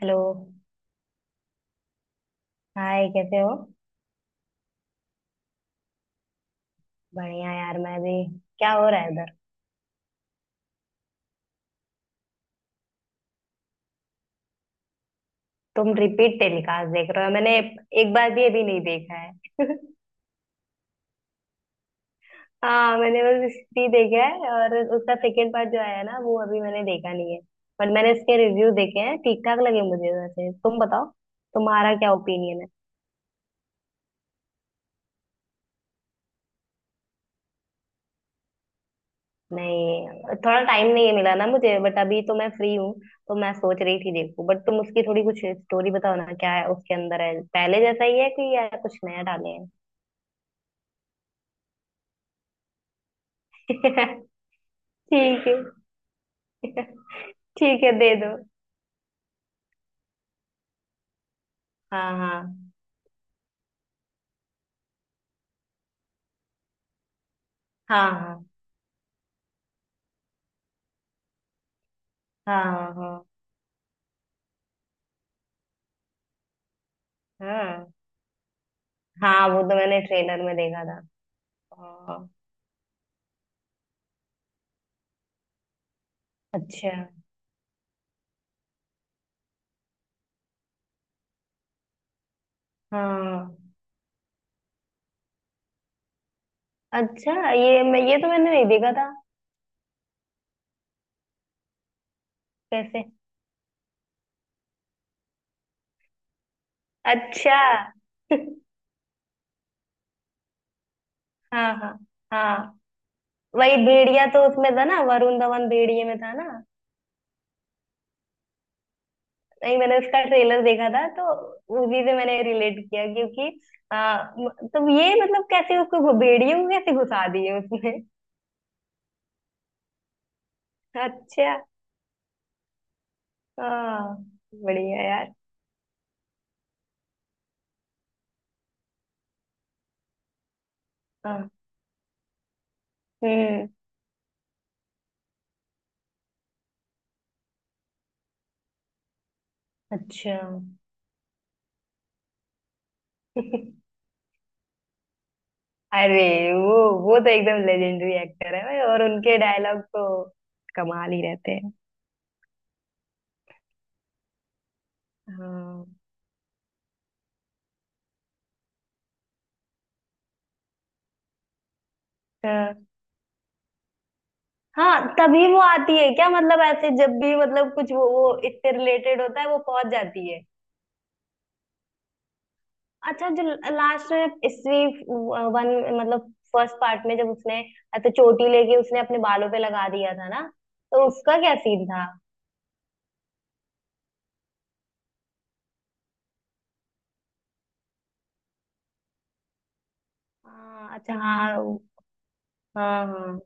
Hello. Hi, कैसे हो। बढ़िया यार, मैं भी। क्या हो रहा है उधर। तुम रिपीट टेलीकास्ट देख रहे हो? मैंने एक बार भी अभी नहीं देखा है। हाँ, मैंने बस हिस्ट्री देखा है और उसका सेकेंड पार्ट जो आया ना, वो अभी मैंने देखा नहीं है। बट मैंने इसके रिव्यू देखे हैं, ठीक ठाक लगे मुझे। वैसे तुम बताओ, तुम्हारा क्या ओपिनियन है। नहीं, थोड़ा टाइम नहीं मिला ना मुझे, बट अभी तो मैं फ्री हूँ। तो मैं सोच रही थी देखूं। बट तुम उसकी थोड़ी कुछ स्टोरी बताओ ना, क्या है उसके अंदर, है पहले जैसा ही है कि या कुछ नया डाले हैं? ठीक है। ठीक है, दे दो। हाँ, हाँ, हाँ। हाँ, हाँ, हाँ। हाँ, हाँ। वो तो मैंने ट्रेलर में देखा था। हाँ, अच्छा। हाँ। अच्छा, ये मैं, ये तो मैंने नहीं देखा था। कैसे? अच्छा। हाँ, हाँ, हाँ। वही भेड़िया तो उसमें था ना, वरुण धवन भेड़िए में था ना। नहीं, मैंने उसका ट्रेलर देखा था तो उसी से मैंने रिलेट किया, क्योंकि तो ये मतलब कैसे उसको भेड़िए को कैसे घुसा दिए उसमें। अच्छा। हाँ, बढ़िया यार। हाँ। हम्म। अच्छा। अरे वो तो एकदम लेजेंडरी एक्टर है भाई, और उनके डायलॉग तो कमाल ही रहते हैं। हाँ, हाँ, हाँ, तभी वो आती है क्या? मतलब ऐसे जब भी मतलब कुछ वो इससे रिलेटेड होता है, वो पहुंच जाती है। अच्छा, जो लास्ट में इसी वन, मतलब फर्स्ट पार्ट में, जब उसने ऐसे चोटी लेके उसने अपने बालों पे लगा दिया था ना, तो उसका क्या सीन था? हाँ, अच्छा। हाँ, हाँ, हाँ,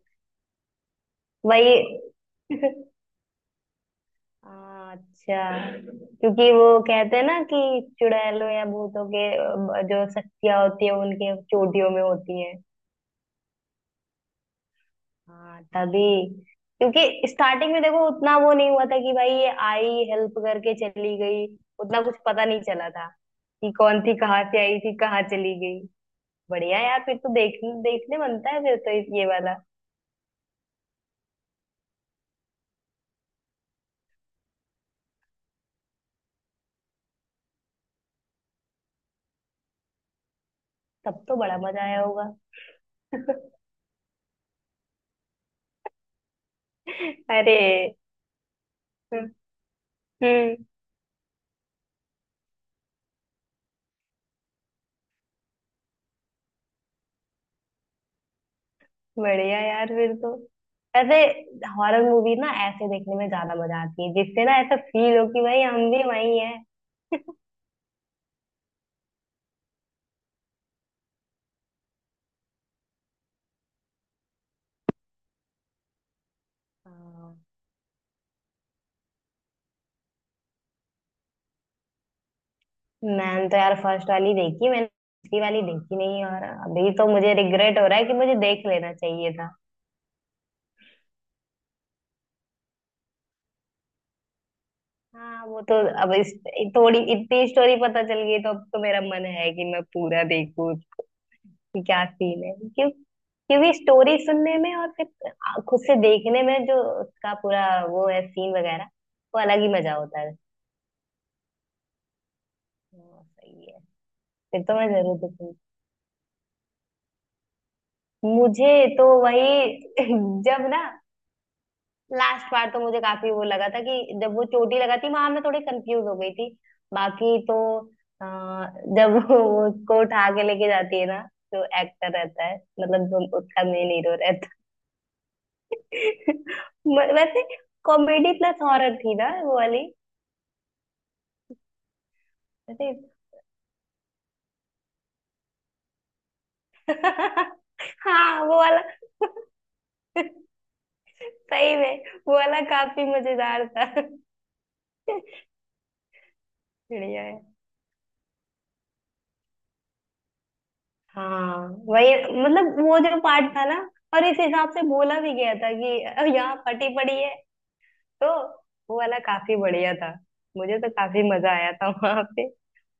वही। हाँ, अच्छा। क्योंकि वो कहते हैं ना कि चुड़ैलों या भूतों के जो शक्तियां होती है उनके चोटियों में होती है। हाँ तभी, क्योंकि स्टार्टिंग में देखो, उतना वो नहीं हुआ था कि भाई ये आई हेल्प करके चली गई। उतना कुछ पता नहीं चला था कि कौन थी, कहाँ से आई थी, कहाँ चली गई। बढ़िया यार, फिर तो देखने देखने बनता है, फिर तो ये वाला। तब तो बड़ा मजा आया होगा। अरे। हम्म। बढ़िया यार, फिर तो ऐसे हॉरर मूवी ना ऐसे देखने में ज्यादा मजा आती है, जिससे ना ऐसा फील हो कि भाई हम भी वही हैं। हाँ, मैंने तो यार फर्स्ट वाली देखी, मैंने दूसरी वाली देखी नहीं, और अभी तो मुझे रिग्रेट हो रहा है कि मुझे देख लेना चाहिए था। हाँ, वो तो। अब इस, थोड़ी इतनी स्टोरी पता चल गई, तो अब तो मेरा मन है कि मैं पूरा देखूं, कि क्या सीन है क्यों, क्योंकि स्टोरी सुनने में और फिर खुद से देखने में जो उसका पूरा वो है सीन वगैरह, वो अलग ही मजा होता है। हाँ, सही है। फिर तो मैं जरूर देखूंगी। मुझे तो वही जब ना लास्ट बार, तो मुझे काफी वो लगा था कि जब वो चोटी लगा थी वहां, मैं थोड़ी कंफ्यूज हो गई थी। बाकी तो अ, जब वो उसको उठा के लेके जाती है ना, जो एक्टर रहता है, मतलब जो उसका मेन हीरो। वैसे कॉमेडी प्लस हॉरर थी ना वो वाली। वैसे। हाँ, वो वाला। सही में, वो वाला काफी मजेदार था। बढ़िया है। हाँ, वही। मतलब वो जो पार्ट था ना, और इस हिसाब से बोला भी गया था कि यहाँ फटी पड़ी है"। तो वो वाला काफी बढ़िया था, मुझे तो काफी मजा आया था वहां पे।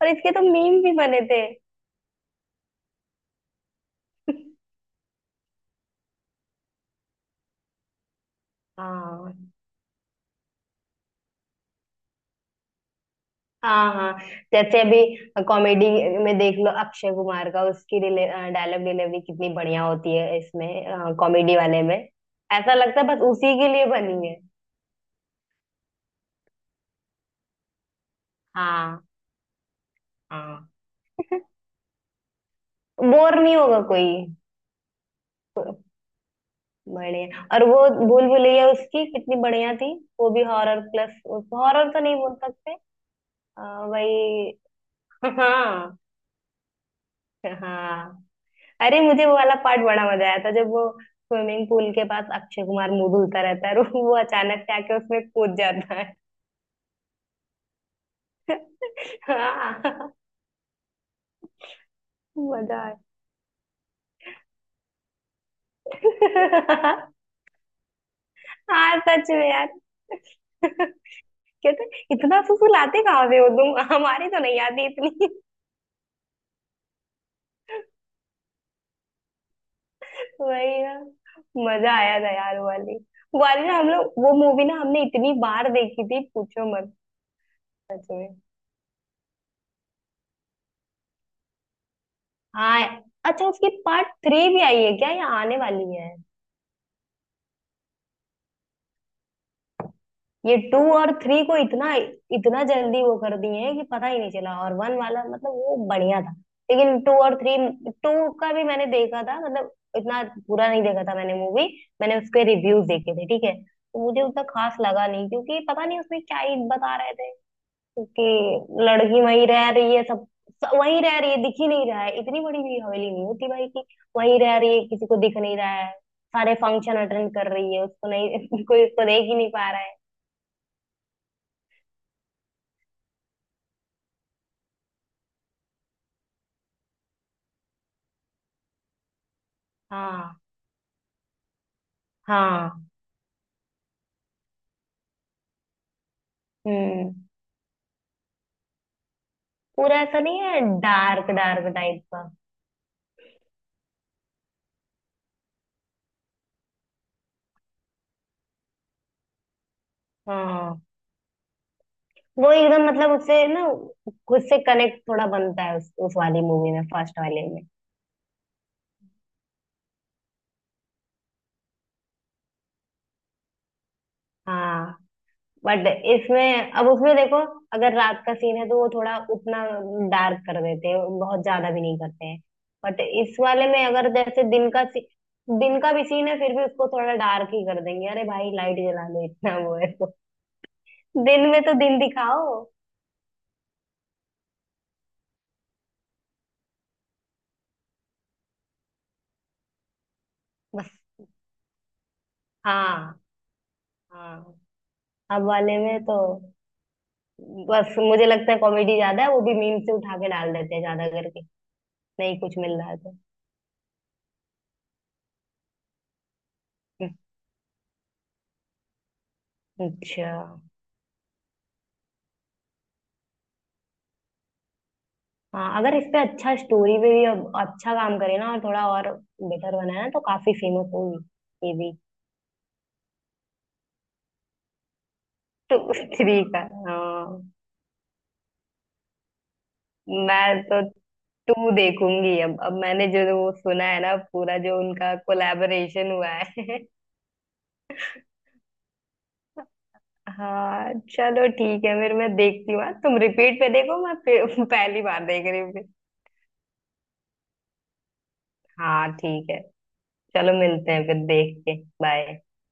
और इसके तो मीम भी बने थे। हाँ, हाँ, हाँ। जैसे अभी कॉमेडी में देख लो, अक्षय कुमार का, उसकी डिले डायलॉग डिलीवरी कितनी बढ़िया होती है इसमें कॉमेडी वाले में। ऐसा लगता है बस उसी के लिए बनी है। हाँ, हाँ। बोर नहीं होगा कोई। बढ़िया। और वो भूल भुलैया उसकी कितनी बढ़िया थी, वो भी हॉरर प्लस। हॉरर तो नहीं बोल सकते। अ, वही। हाँ, हाँ। अरे, मुझे वो वाला पार्ट बड़ा मजा आया था, जब वो स्विमिंग पूल के पास अक्षय कुमार मुंह धुलता रहता है और वो अचानक से आके उसमें कूद जाता है। हाँ, मजा आया। हाँ, सच में यार। कहते, इतना फुसलाते कहाँ से हो तुम, हमारी तो नहीं आती इतनी। वही ना, मजा आया था यार वो वाली। वो वाली ना, हम लोग वो मूवी ना, हमने इतनी बार देखी थी पूछो मत। सच में। हाँ, अच्छा, उसकी पार्ट थ्री भी आई है क्या या आने वाली है? ये टू और थ्री को इतना इतना जल्दी वो कर दिए हैं कि पता ही नहीं चला, और वन वाला मतलब वो बढ़िया था। लेकिन टू और थ्री, टू का भी मैंने देखा था मतलब इतना, पूरा नहीं देखा था मैंने मूवी। मैंने उसके रिव्यूज देखे थे, ठीक है, तो मुझे उतना खास लगा नहीं, क्योंकि पता नहीं उसमें क्या ही बता रहे थे। क्योंकि लड़की वहीं रह रही है, सब सब वहीं रह रही है, दिख ही नहीं रहा है। इतनी बड़ी भी हवेली नहीं होती भाई कि वहीं रह रही है किसी को दिख नहीं रहा है। सारे फंक्शन अटेंड कर रही है, उसको नहीं कोई उसको देख ही नहीं पा रहा है। हाँ, हाँ। हम्म। पूरा ऐसा नहीं है डार्क डार्क टाइप का। हाँ, वो एकदम मतलब उससे ना, खुद से कनेक्ट थोड़ा बनता है उस वाली मूवी में, फर्स्ट वाले में। हाँ बट इसमें, अब उसमें देखो, अगर रात का सीन है तो वो थोड़ा उतना डार्क कर देते हैं, बहुत ज्यादा भी नहीं करते हैं। बट इस वाले में अगर जैसे दिन का भी सीन है, फिर भी उसको थोड़ा डार्क ही कर देंगे। अरे भाई लाइट जला दो, इतना वो है तो। दिन में तो दिन दिखाओ। बस। हाँ, हाँ। अब वाले में तो बस मुझे लगता है कॉमेडी ज्यादा है, वो भी मीम से उठा के डाल देते हैं ज्यादा करके। नहीं कुछ मिल रहा है तो। अच्छा। हाँ, अगर इस पे अच्छा, स्टोरी पे भी अब अच्छा काम करे ना और थोड़ा और बेटर बनाए ना, तो काफी फेमस होगी ये भी। तो थ्री का। हाँ, मैं तो टू देखूंगी अब मैंने जो वो सुना है ना पूरा, जो उनका कोलैबोरेशन हुआ है। हाँ, चलो ठीक है, फिर मैं देखती हूँ हाँ। तुम रिपीट पे देखो, मैं फिर पहली बार देख रही हूँ। हाँ, ठीक है, चलो मिलते हैं फिर देख के। बाय।